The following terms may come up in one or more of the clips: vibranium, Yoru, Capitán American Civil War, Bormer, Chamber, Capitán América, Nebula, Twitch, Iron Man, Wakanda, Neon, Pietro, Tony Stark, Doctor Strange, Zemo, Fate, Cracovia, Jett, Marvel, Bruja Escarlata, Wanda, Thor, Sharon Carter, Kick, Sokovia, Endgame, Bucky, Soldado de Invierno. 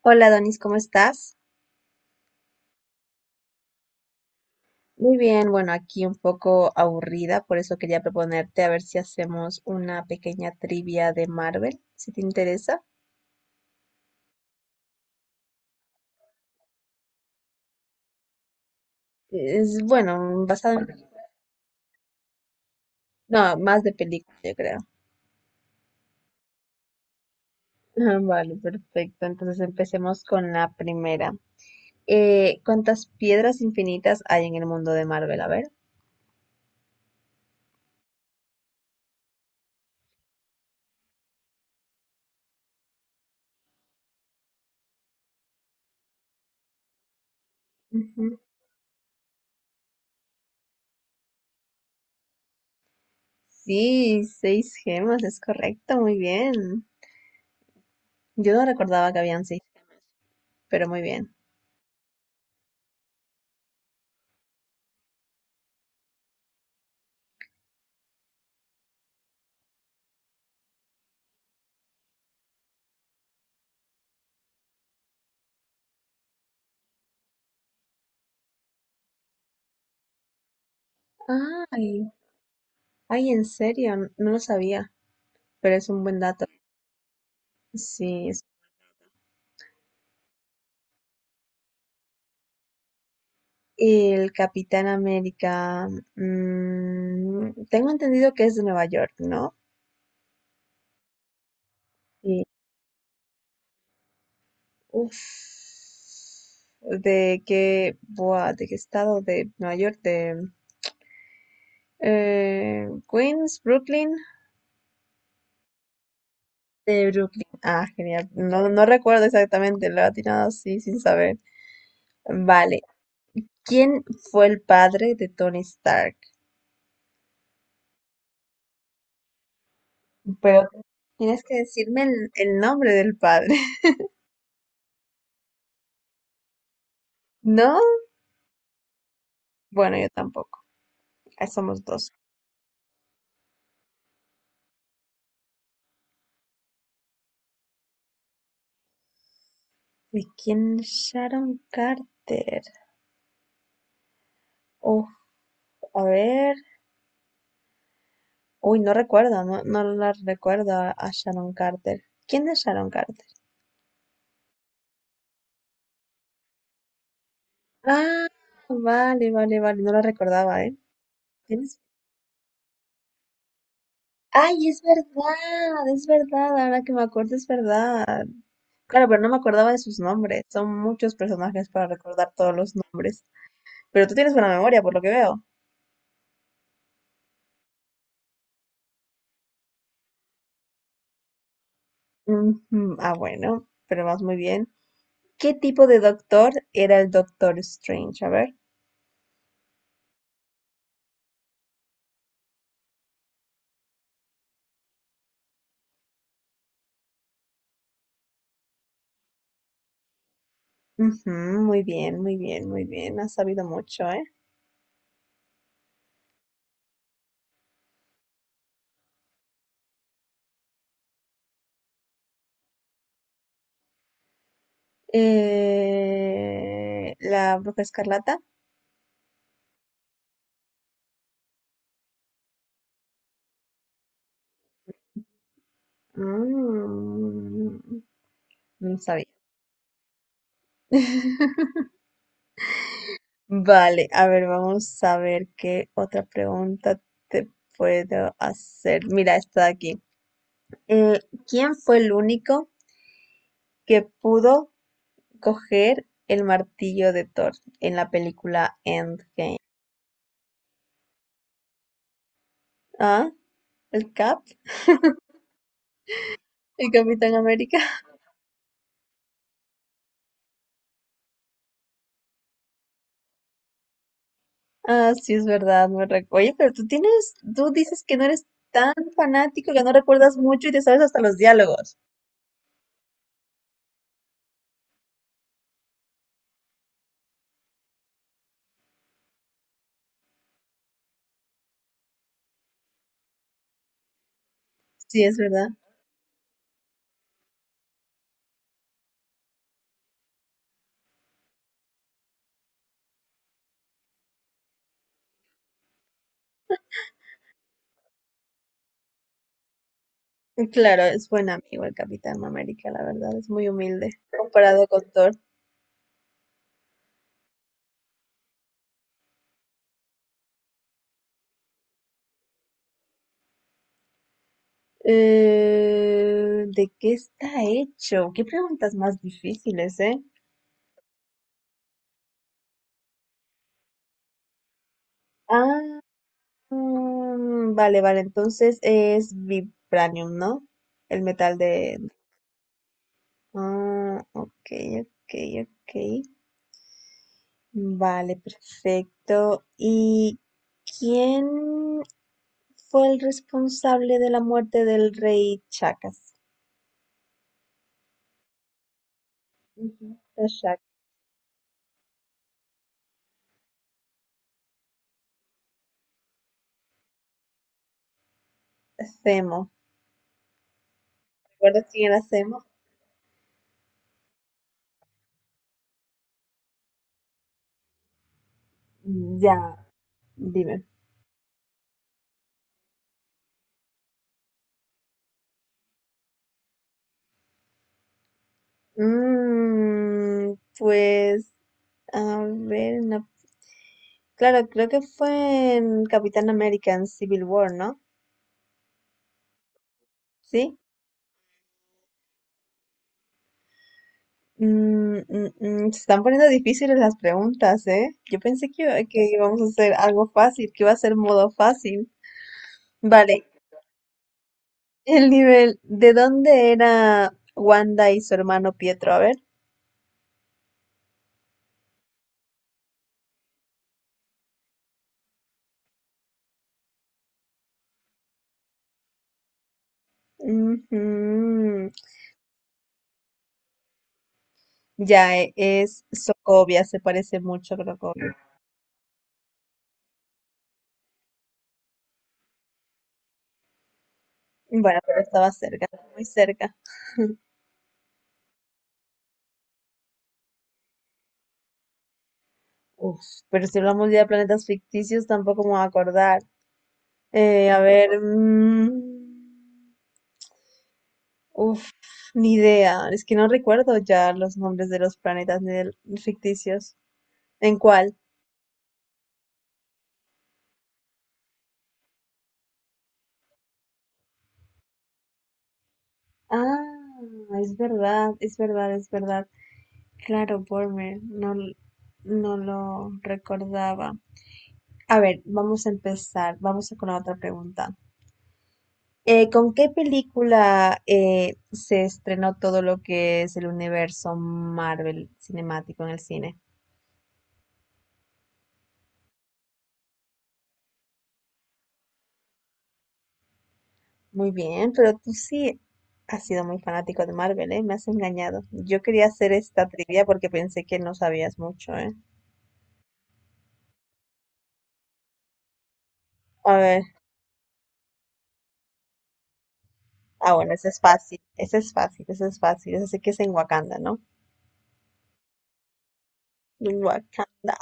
Hola Donis, ¿cómo estás? Muy bien, bueno, aquí un poco aburrida, por eso quería proponerte a ver si hacemos una pequeña trivia de Marvel, si te interesa. Es bueno, basado en... No, más de película, yo creo. Vale, perfecto. Entonces empecemos con la primera. ¿Cuántas piedras infinitas hay en el mundo de Marvel? A ver. Ujú. Sí, seis gemas, es correcto, muy bien. Yo no recordaba que habían seis, pero muy bien. Ay, Ay, en serio, no lo sabía, pero es un buen dato. Sí, es- el Capitán América. Mm, tengo entendido que es de Nueva York, ¿no? Y, uff, ¿de qué, de qué estado de Nueva York, de Queens, Brooklyn, de Brooklyn. Ah, genial. No, no recuerdo exactamente, lo he atinado así sin saber. Vale. ¿Quién fue el padre de Tony Stark? Pero tienes que decirme el nombre del padre. ¿No? Bueno, yo tampoco. Ahí somos dos. ¿De quién es Sharon Carter? Uf, a ver. Uy, no recuerdo, no, no la recuerdo a Sharon Carter. ¿Quién es Sharon Carter? Ah, vale, vale, vale. No la recordaba, ¿eh? Tienes- Ay, es verdad, es verdad. Ahora que me acuerdo, es verdad. Claro, pero no me acordaba de sus nombres. Son muchos personajes para recordar todos los nombres. Pero tú tienes buena memoria, por lo que veo. Ujú, ah, bueno, pero vas muy bien. ¿Qué tipo de doctor era el Doctor Strange? A ver. Ujú, muy bien, muy bien, muy bien. Has sabido mucho, ¿eh? La Bruja Escarlata. Mm, no sabía. Vale, a ver, vamos a ver qué otra pregunta te puedo hacer. Mira, está aquí. Eh, ¿Quién fue el único que pudo coger el martillo de Thor en la película Endgame? ¿Ah? ¿El Cap? ¿El Capitán América? Ah, sí, es verdad. Oye, pero tú tienes, tú dices que no eres tan fanático, que no recuerdas mucho y te sabes hasta los diálogos. Sí, es verdad. Claro, es buen amigo el Capitán América, la verdad, es muy humilde comparado con Thor. ¿De qué está hecho? ¿Qué preguntas más difíciles, eh? Ah, mm, vale, vale, entonces es vibranium, ¿no? El metal de... Ah, ok, ok, ok. Vale, perfecto. ¿Y quién fue el responsable de la muerte del rey Chacas? Ujú, de Zemo. ¿Recuerdas quién era Zemo? Ya, dime. Mm, pues, a ver, una claro, creo que fue en Capitán American Civil War, ¿no? Sí. Mm, mm, mm, se están poniendo difíciles las preguntas, ¿eh? Yo pensé que, que íbamos a hacer algo fácil, que iba a ser modo fácil. Vale, el nivel, ¿de dónde era Wanda y su hermano Pietro? A ver. Ujú, Ya es Sokovia, se parece mucho a Cracovia. Bueno, pero estaba cerca, muy cerca. Uf, pero si hablamos ya de planetas ficticios, tampoco me voy a acordar. A ver, mm, uf, ni idea. Es que no recuerdo ya los nombres de los planetas ni de los ficticios. ¿En cuál? Ah, es verdad, es verdad, es verdad. Claro, Bormer, no, no lo recordaba. A ver, vamos a empezar. Vamos con la otra pregunta. ¿Con qué película se estrenó todo lo que es el universo Marvel cinemático en el cine? Muy bien, pero tú sí has sido muy fanático de Marvel, ¿eh? Me has engañado. Yo quería hacer esta trivia porque pensé que no sabías mucho, ¿eh? A ver, ah, bueno, ese es fácil, ese es fácil, ese es fácil, ese sí que es en Wakanda, ¿no? En Wakanda.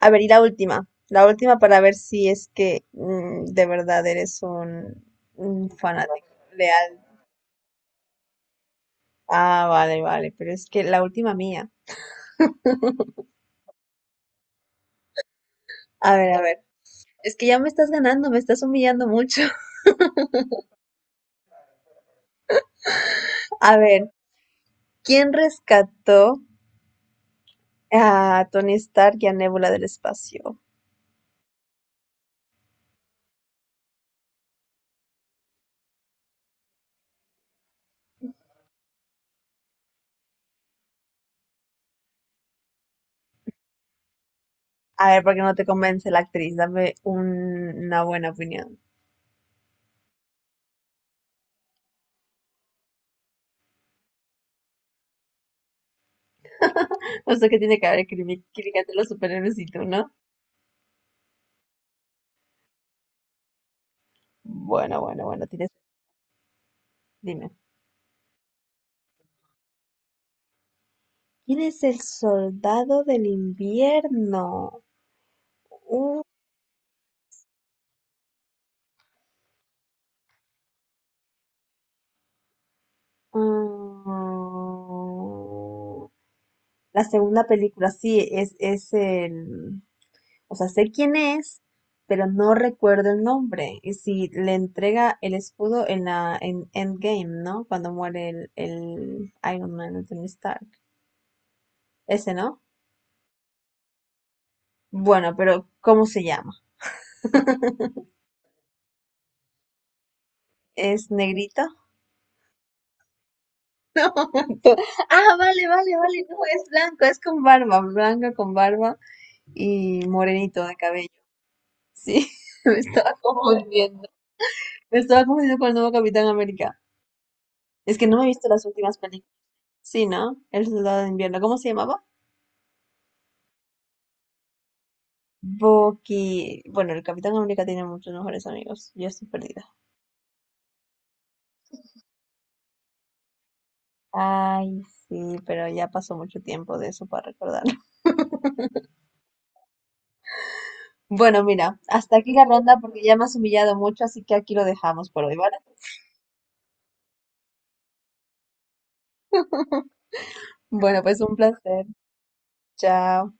A ver, y la última para ver si es que mm, de verdad eres un fanático leal. Ah, vale, vale, pero es que la última mía. A ver, es que ya me estás ganando, me estás humillando mucho. A ver. ¿Quién rescató a Tony Stark y a Nebula del espacio? A ver, ¿por qué no te convence la actriz? Dame una buena opinión. No sé qué tiene que ver crítica de los superhéroes y tú, ¿no? Bueno, bueno, bueno, tienes... Dime. ¿Quién es el soldado del invierno? Uh, mm, la segunda película, sí, es el... O sea, sé quién es, pero no recuerdo el nombre. Y si le entrega el escudo en la en Endgame, ¿no? Cuando muere el Iron Man, el Tony Stark. Ese, ¿no? Bueno, pero ¿cómo se llama? ¿Es negrito? Ah, vale, vale, vale. No, es blanco, es con barba, blanco con barba y morenito de cabello. Sí, me estaba confundiendo. Me estaba confundiendo con el nuevo Capitán América. Es que no me he visto las últimas películas. Sí, ¿no? El Soldado de Invierno. ¿Cómo se llamaba? Bucky, bueno, el Capitán América tiene muchos mejores amigos. Yo estoy perdida. Ay, sí, pero ya pasó mucho tiempo de eso para recordarlo. Bueno, mira, hasta aquí la ronda porque ya me has humillado mucho, así que aquí lo dejamos por hoy, ¿vale? Bueno, pues un placer. Chao.